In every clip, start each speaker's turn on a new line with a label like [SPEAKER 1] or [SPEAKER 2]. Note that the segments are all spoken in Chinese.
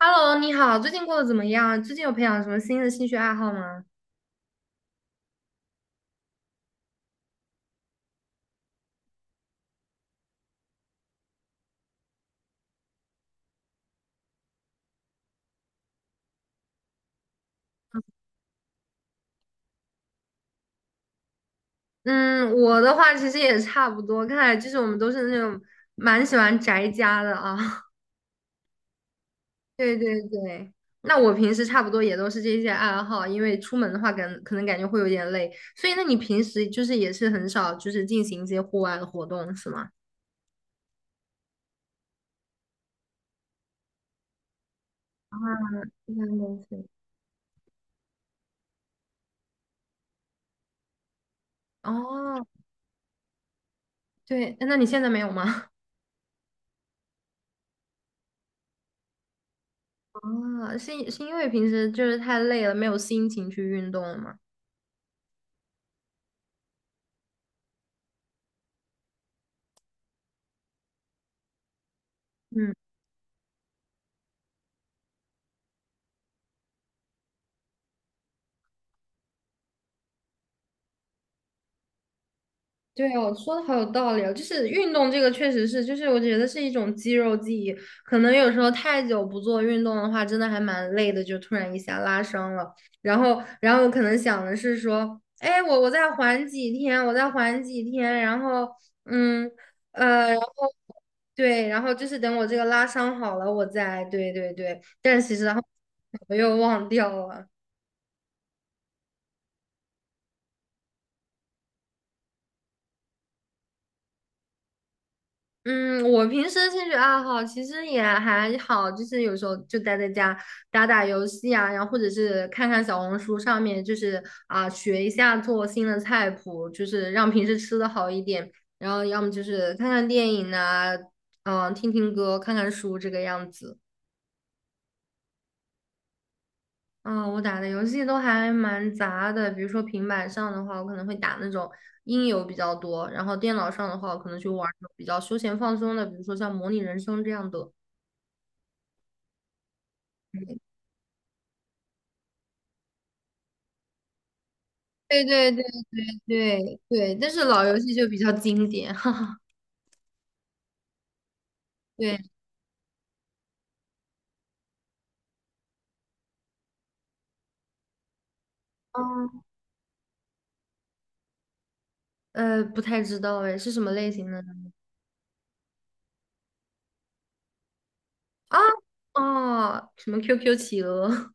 [SPEAKER 1] Hello，你好，最近过得怎么样？最近有培养什么新的兴趣爱好吗？嗯，我的话其实也差不多，看来就是我们都是那种蛮喜欢宅家的啊。对对对，那我平时差不多也都是这些爱好，因为出门的话感，可能感觉会有点累，所以那你平时就是也是很少就是进行一些户外的活动，是吗？啊，一般都是。哦，对，那你现在没有吗？哦，是因为平时就是太累了，没有心情去运动了吗？嗯。对哦，说的好有道理哦，就是运动这个确实是，就是我觉得是一种肌肉记忆，可能有时候太久不做运动的话，真的还蛮累的，就突然一下拉伤了。然后我可能想的是说，哎，我再缓几天，我再缓几天，嗯，然后对，然后就是等我这个拉伤好了，我再，对对对，但是其实然后我又忘掉了。嗯，我平时的兴趣爱好其实也还好，就是有时候就待在家打打游戏啊，然后或者是看看小红书上面，就是啊学一下做新的菜谱，就是让平时吃的好一点。然后要么就是看看电影啊，嗯，听听歌，看看书这个样子。嗯，我打的游戏都还蛮杂的，比如说平板上的话，我可能会打那种音游比较多，然后电脑上的话，我可能就玩儿那种比较休闲放松的，比如说像模拟人生这样的。对对对对对，但是老游戏就比较经典，哈哈。对，嗯，不太知道哎，是什么类型的呢？啊，哦，什么 QQ 企鹅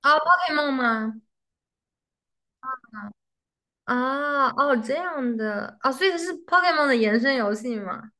[SPEAKER 1] 啊，Pokemon 吗？啊，哦，这样的啊，所以它是 Pokemon 的延伸游戏吗？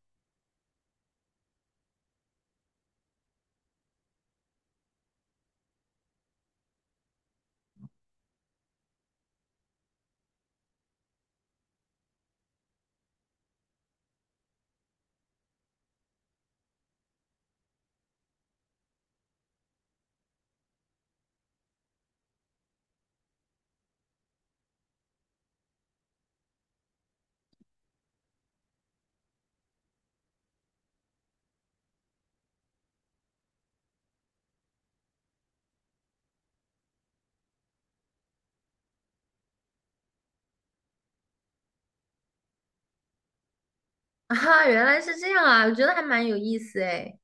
[SPEAKER 1] 啊，原来是这样啊，我觉得还蛮有意思哎。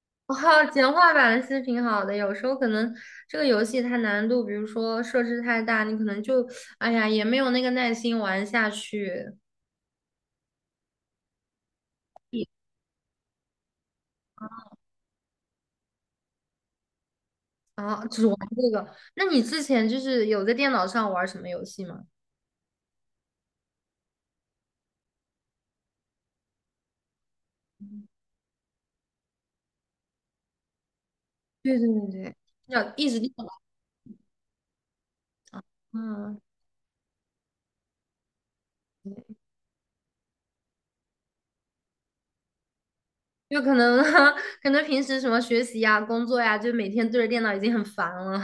[SPEAKER 1] 哇，简化版其实挺好的，有时候可能这个游戏它难度，比如说设置太大，你可能就，哎呀，也没有那个耐心玩下去。啊，只玩这个。那你之前就是有在电脑上玩什么游戏吗？对对对对，要一直电脑，嗯，对就可能 可能平时什么学习呀、工作呀，就每天对着电脑已经很烦了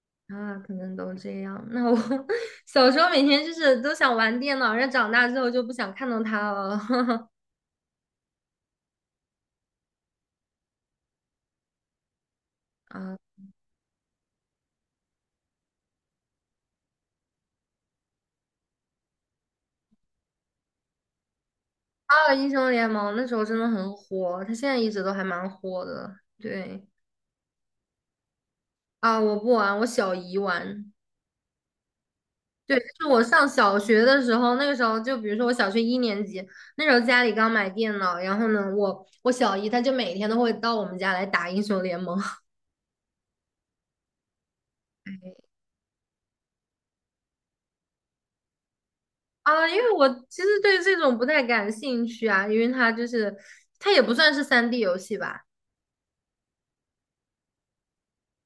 [SPEAKER 1] 啊，可能都这样。那我 小时候每天就是都想玩电脑，但长大之后就不想看到它了 啊。啊，英雄联盟那时候真的很火，它现在一直都还蛮火的。对啊，我不玩，我小姨玩。对，就是我上小学的时候，那个时候就比如说我小学一年级，那时候家里刚买电脑，然后呢，我小姨她就每天都会到我们家来打英雄联盟 啊，因为我其实对这种不太感兴趣啊，因为它就是它也不算是三 d 游戏吧，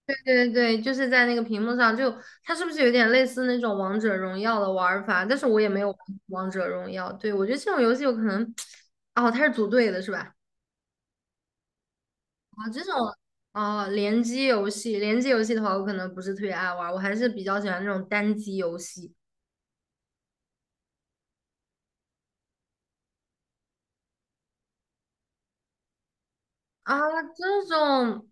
[SPEAKER 1] 对对对，就是在那个屏幕上就它是不是有点类似那种王者荣耀的玩法？但是我也没有玩王者荣耀，对，我觉得这种游戏有可能，哦，它是组队的是吧？啊，这种啊，联机游戏，联机游戏的话，我可能不是特别爱玩儿我还是比较喜欢那种单机游戏啊。这种，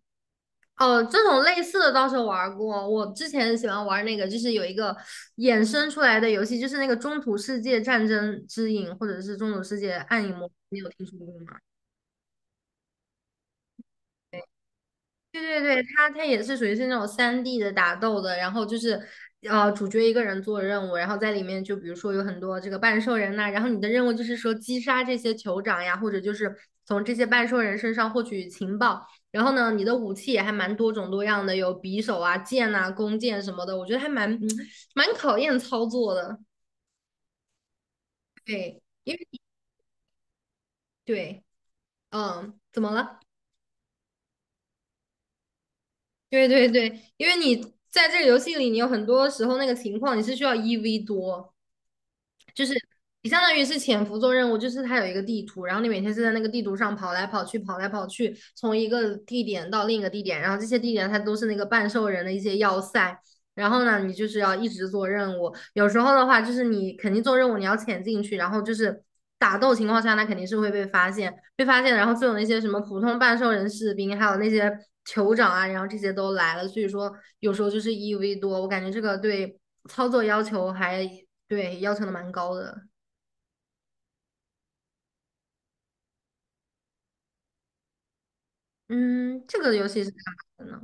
[SPEAKER 1] 哦，这种类似的倒是玩儿过。我之前喜欢玩儿那个，就是有一个衍生出来的游戏，就是那个《中土世界战争之影》，或者是《中土世界暗影魔》，你有听说过吗？对对对，它也是属于是那种三 d 的打斗的，然后就是主角一个人做任务，然后在里面就比如说有很多这个半兽人呐、然后你的任务就是说击杀这些酋长呀，或者就是从这些半兽人身上获取情报，然后呢你的武器也还蛮多种多样的，有匕首啊、剑呐、弓箭什么的，我觉得还蛮蛮考验操作的，对，因为对，怎么了？对对对，因为你在这个游戏里，你有很多时候那个情况你是需要一 v 多。就是你相当于是潜伏做任务，就是它有一个地图，然后你每天是在那个地图上跑来跑去，跑来跑去，从一个地点到另一个地点，然后这些地点它都是那个半兽人的一些要塞。然后呢，你就是要一直做任务。有时候的话，就是你肯定做任务，你要潜进去，然后就是打斗情况下，那肯定是会被发现，被发现，然后就有那些什么普通半兽人士兵，还有那些酋长啊，然后这些都来了。所以说，有时候就是一 v 多，我感觉这个对操作要求还对，要求的蛮高的。嗯，这个游戏是干嘛的呢？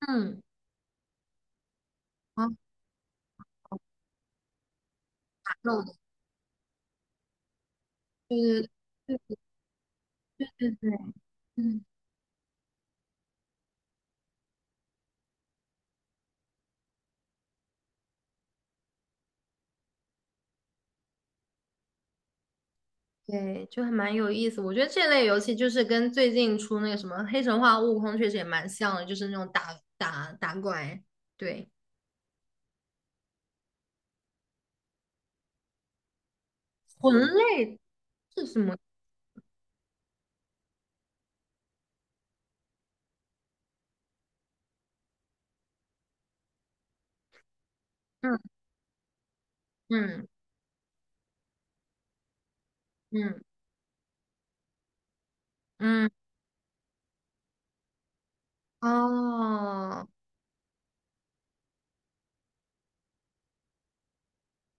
[SPEAKER 1] 嗯，哦，打斗的，对对对对对嗯，对，就还蛮有意思。我觉得这类游戏就是跟最近出那个什么《黑神话：悟空》确实也蛮像的，就是那种打打打怪，对，魂类是什么？嗯嗯嗯嗯，哦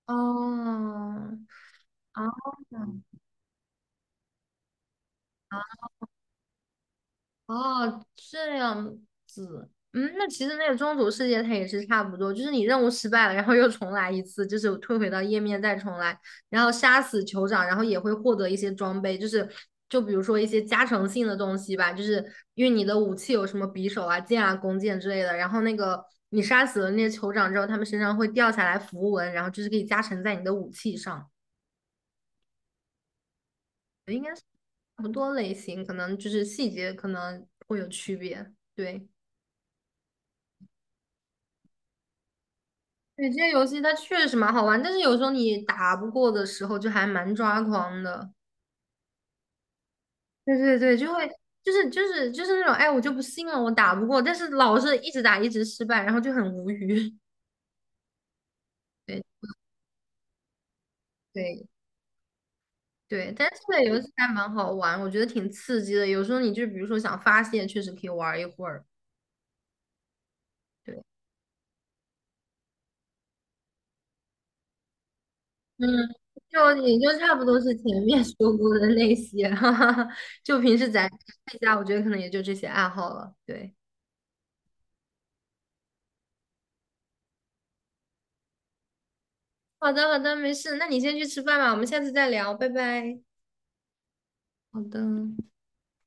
[SPEAKER 1] 哦哦哦哦，这样子，嗯，那其实那个中途世界它也是差不多，就是你任务失败了，然后又重来一次，就是退回到页面再重来，然后杀死酋长，然后也会获得一些装备，就是就比如说一些加成性的东西吧，就是因为你的武器有什么匕首啊、剑啊、弓箭之类的，然后那个你杀死了那些酋长之后，他们身上会掉下来符文，然后就是可以加成在你的武器上，应该是差不多类型，可能就是细节可能会有区别，对。对，这些游戏它确实蛮好玩，但是有时候你打不过的时候就还蛮抓狂的。对对对，就会就是那种，哎，我就不信了，我打不过，但是老是一直打一直失败，然后就很无语。对对对，但是这个游戏还蛮好玩，我觉得挺刺激的。有时候你就比如说想发泄，确实可以玩一会儿。对，嗯，就也就差不多是前面说过的那些，哈哈哈。就平时咱在家，我觉得可能也就这些爱好了。对。好的，好的，没事，那你先去吃饭吧，我们下次再聊，拜拜。好的。